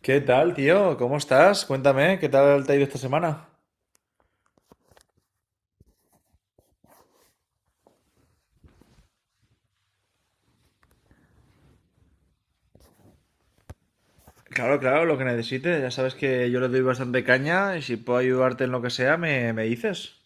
¿Qué tal, tío? ¿Cómo estás? Cuéntame, ¿qué tal te ha ido esta semana? Claro, claro, lo que necesites. Ya sabes que yo le doy bastante caña y si puedo ayudarte en lo que sea, me dices.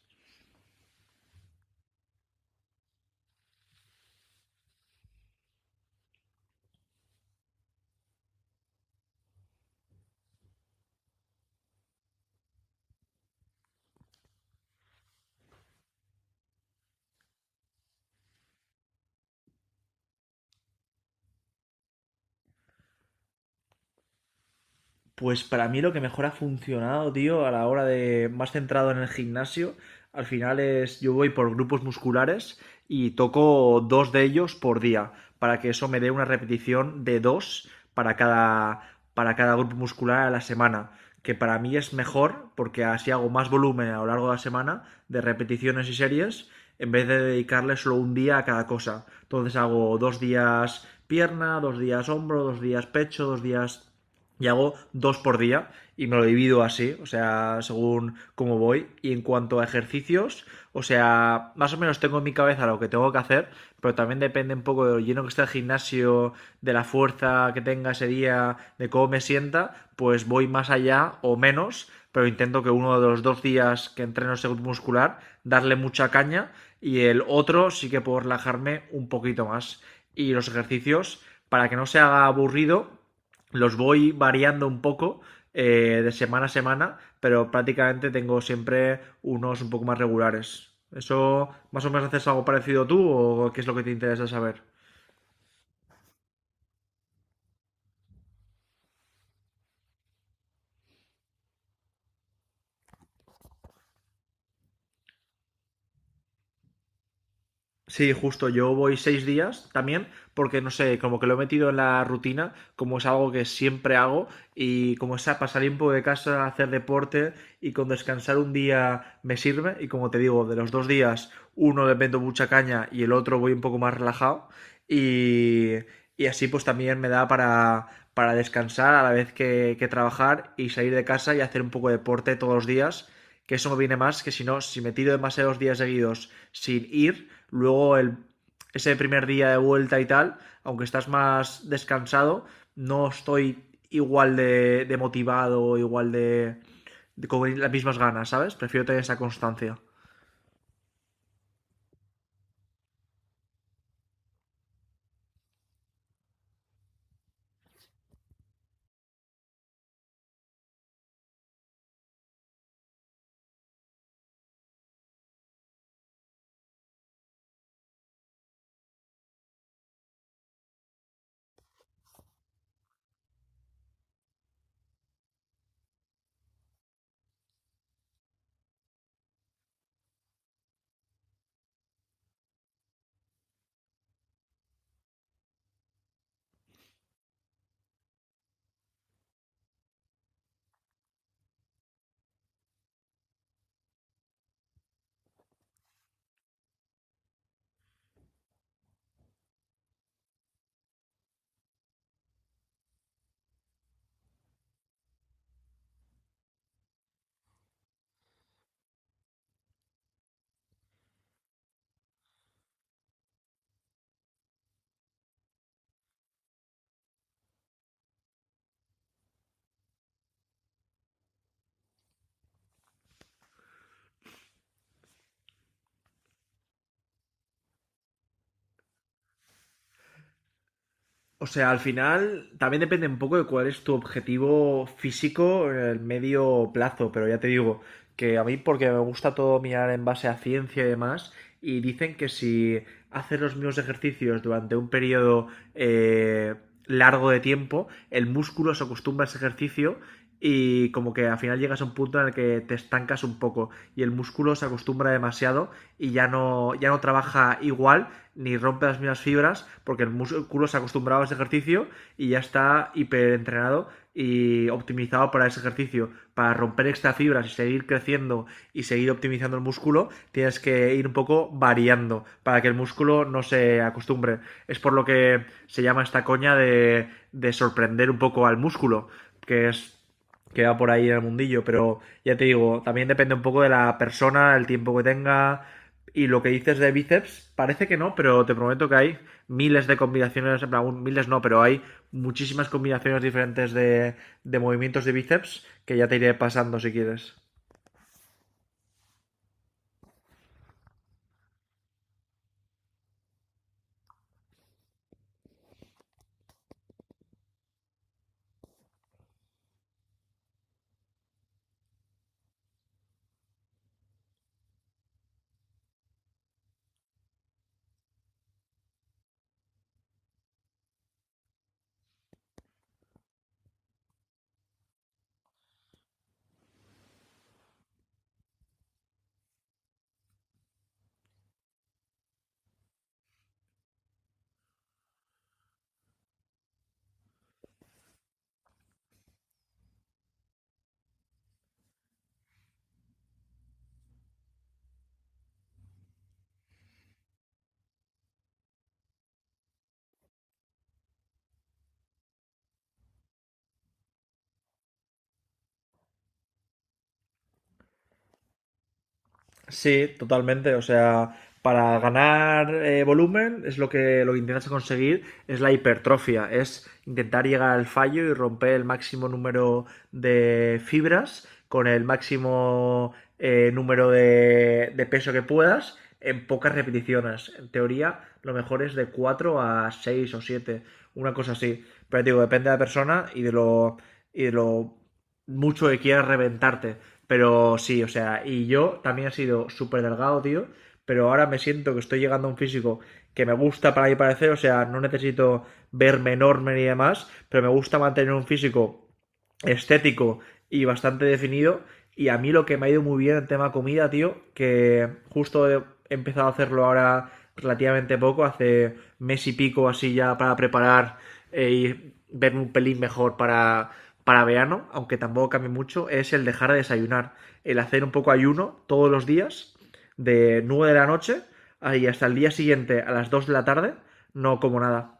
Pues para mí lo que mejor ha funcionado, tío, a la hora de más centrado en el gimnasio, al final es yo voy por grupos musculares y toco dos de ellos por día, para que eso me dé una repetición de dos para cada grupo muscular a la semana, que para mí es mejor porque así hago más volumen a lo largo de la semana de repeticiones y series en vez de dedicarle solo un día a cada cosa. Entonces hago dos días pierna, dos días hombro, dos días pecho, dos días y hago dos por día y me lo divido así, o sea, según cómo voy. Y en cuanto a ejercicios, o sea, más o menos tengo en mi cabeza lo que tengo que hacer, pero también depende un poco de lo lleno que está el gimnasio, de la fuerza que tenga ese día, de cómo me sienta, pues voy más allá o menos, pero intento que uno de los dos días que entreno ese grupo muscular, darle mucha caña y el otro sí que puedo relajarme un poquito más. Y los ejercicios, para que no se haga aburrido, los voy variando un poco de semana a semana, pero prácticamente tengo siempre unos un poco más regulares. ¿Eso más o menos haces algo parecido tú o qué es lo que te interesa saber? Sí, justo, yo voy 6 días también, porque no sé, como que lo he metido en la rutina, como es algo que siempre hago, y como es a pasar tiempo de casa, hacer deporte y con descansar un día me sirve, y como te digo, de los dos días, uno le meto mucha caña y el otro voy un poco más relajado, y, y así pues también me da para descansar a la vez que trabajar y salir de casa y hacer un poco de deporte todos los días, que eso me viene más que si no, si me tiro demasiados días seguidos sin ir, luego el, ese primer día de vuelta y tal, aunque estás más descansado, no estoy igual de motivado, igual de con las mismas ganas, ¿sabes? Prefiero tener esa constancia. O sea, al final también depende un poco de cuál es tu objetivo físico en el medio plazo, pero ya te digo que a mí porque me gusta todo mirar en base a ciencia y demás, y dicen que si haces los mismos ejercicios durante un periodo eh, largo de tiempo, el músculo se acostumbra a ese ejercicio y como que al final llegas a un punto en el que te estancas un poco y el músculo se acostumbra demasiado y ya no trabaja igual ni rompe las mismas fibras porque el músculo se ha acostumbrado a ese ejercicio y ya está hiperentrenado y optimizado para ese ejercicio. Para romper estas fibras y seguir creciendo y seguir optimizando el músculo, tienes que ir un poco variando para que el músculo no se acostumbre. Es por lo que se llama esta coña de sorprender un poco al músculo, que es que va por ahí en el mundillo, pero ya te digo, también depende un poco de la persona, el tiempo que tenga y lo que dices de bíceps, parece que no, pero te prometo que hay miles de combinaciones, en plan, miles no, pero hay muchísimas combinaciones diferentes de movimientos de bíceps que ya te iré pasando si quieres. Sí, totalmente. O sea, para ganar volumen es lo que intentas conseguir, es la hipertrofia, es intentar llegar al fallo y romper el máximo número de fibras con el máximo número de peso que puedas en pocas repeticiones. En teoría, lo mejor es de 4 a 6 o 7. Una cosa así. Pero digo, depende de la persona y y de lo mucho que quieras reventarte. Pero sí, o sea, y yo también he sido súper delgado, tío. Pero ahora me siento que estoy llegando a un físico que me gusta para mi parecer. O sea, no necesito verme enorme ni demás. Pero me gusta mantener un físico estético y bastante definido. Y a mí lo que me ha ido muy bien en tema comida, tío, que justo he empezado a hacerlo ahora relativamente poco, hace mes y pico así ya para preparar y verme un pelín mejor para verano, aunque tampoco cambie mucho, es el dejar de desayunar, el hacer un poco ayuno todos los días, de 9 de la noche y hasta el día siguiente a las 2 de la tarde, no como nada.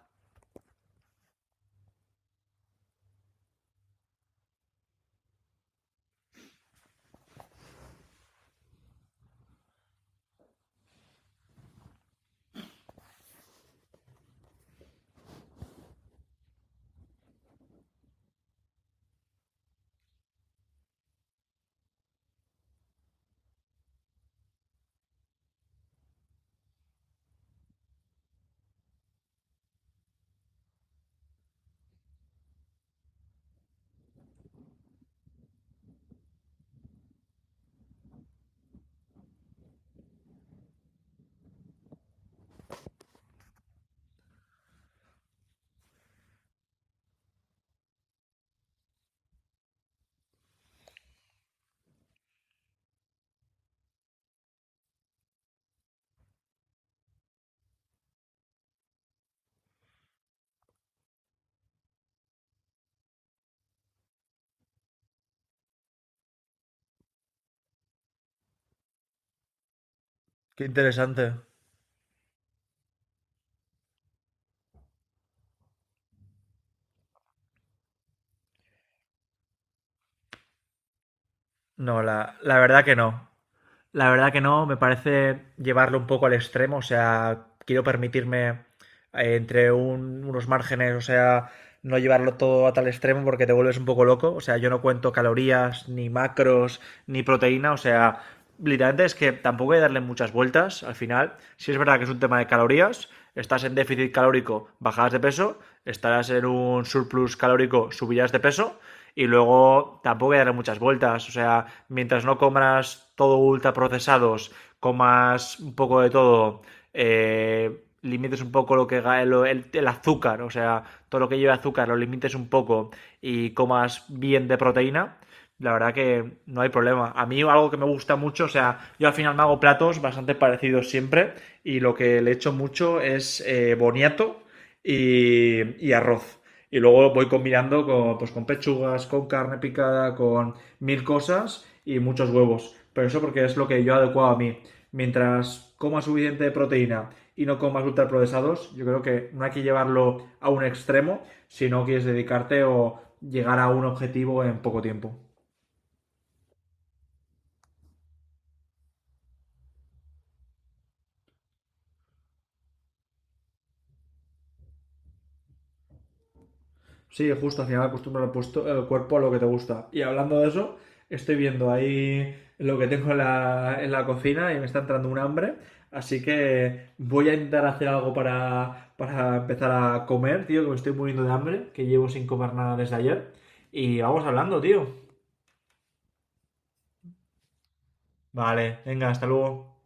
Qué interesante. No, la verdad que no. La verdad que no, me parece llevarlo un poco al extremo, o sea, quiero permitirme entre unos márgenes, o sea, no llevarlo todo a tal extremo porque te vuelves un poco loco. O sea, yo no cuento calorías, ni macros, ni proteína, o sea, literalmente es que tampoco hay que darle muchas vueltas al final. Si es verdad que es un tema de calorías, estás en déficit calórico, bajarás de peso, estarás en un surplus calórico, subirás de peso. Y luego tampoco hay que darle muchas vueltas. O sea, mientras no comas todo ultra procesados, comas un poco de todo, limites un poco lo que lo, el azúcar, o sea, todo lo que lleva azúcar lo limites un poco y comas bien de proteína, la verdad que no hay problema. A mí algo que me gusta mucho, o sea, yo al final me hago platos bastante parecidos siempre y lo que le echo mucho es boniato y, y arroz. Y luego voy combinando con, pues, con pechugas, con carne picada, con mil cosas y muchos huevos. Pero eso porque es lo que yo he adecuado a mí. Mientras coma suficiente de proteína y no comas ultraprocesados, yo creo que no hay que llevarlo a un extremo si no quieres dedicarte o llegar a un objetivo en poco tiempo. Sí, justo, al final acostumbras el, el cuerpo a lo que te gusta. Y hablando de eso, estoy viendo ahí lo que tengo en en la cocina y me está entrando un hambre. Así que voy a intentar hacer algo para empezar a comer, tío, que me estoy muriendo de hambre, que llevo sin comer nada desde ayer. Y vamos hablando, tío. Vale, venga, hasta luego.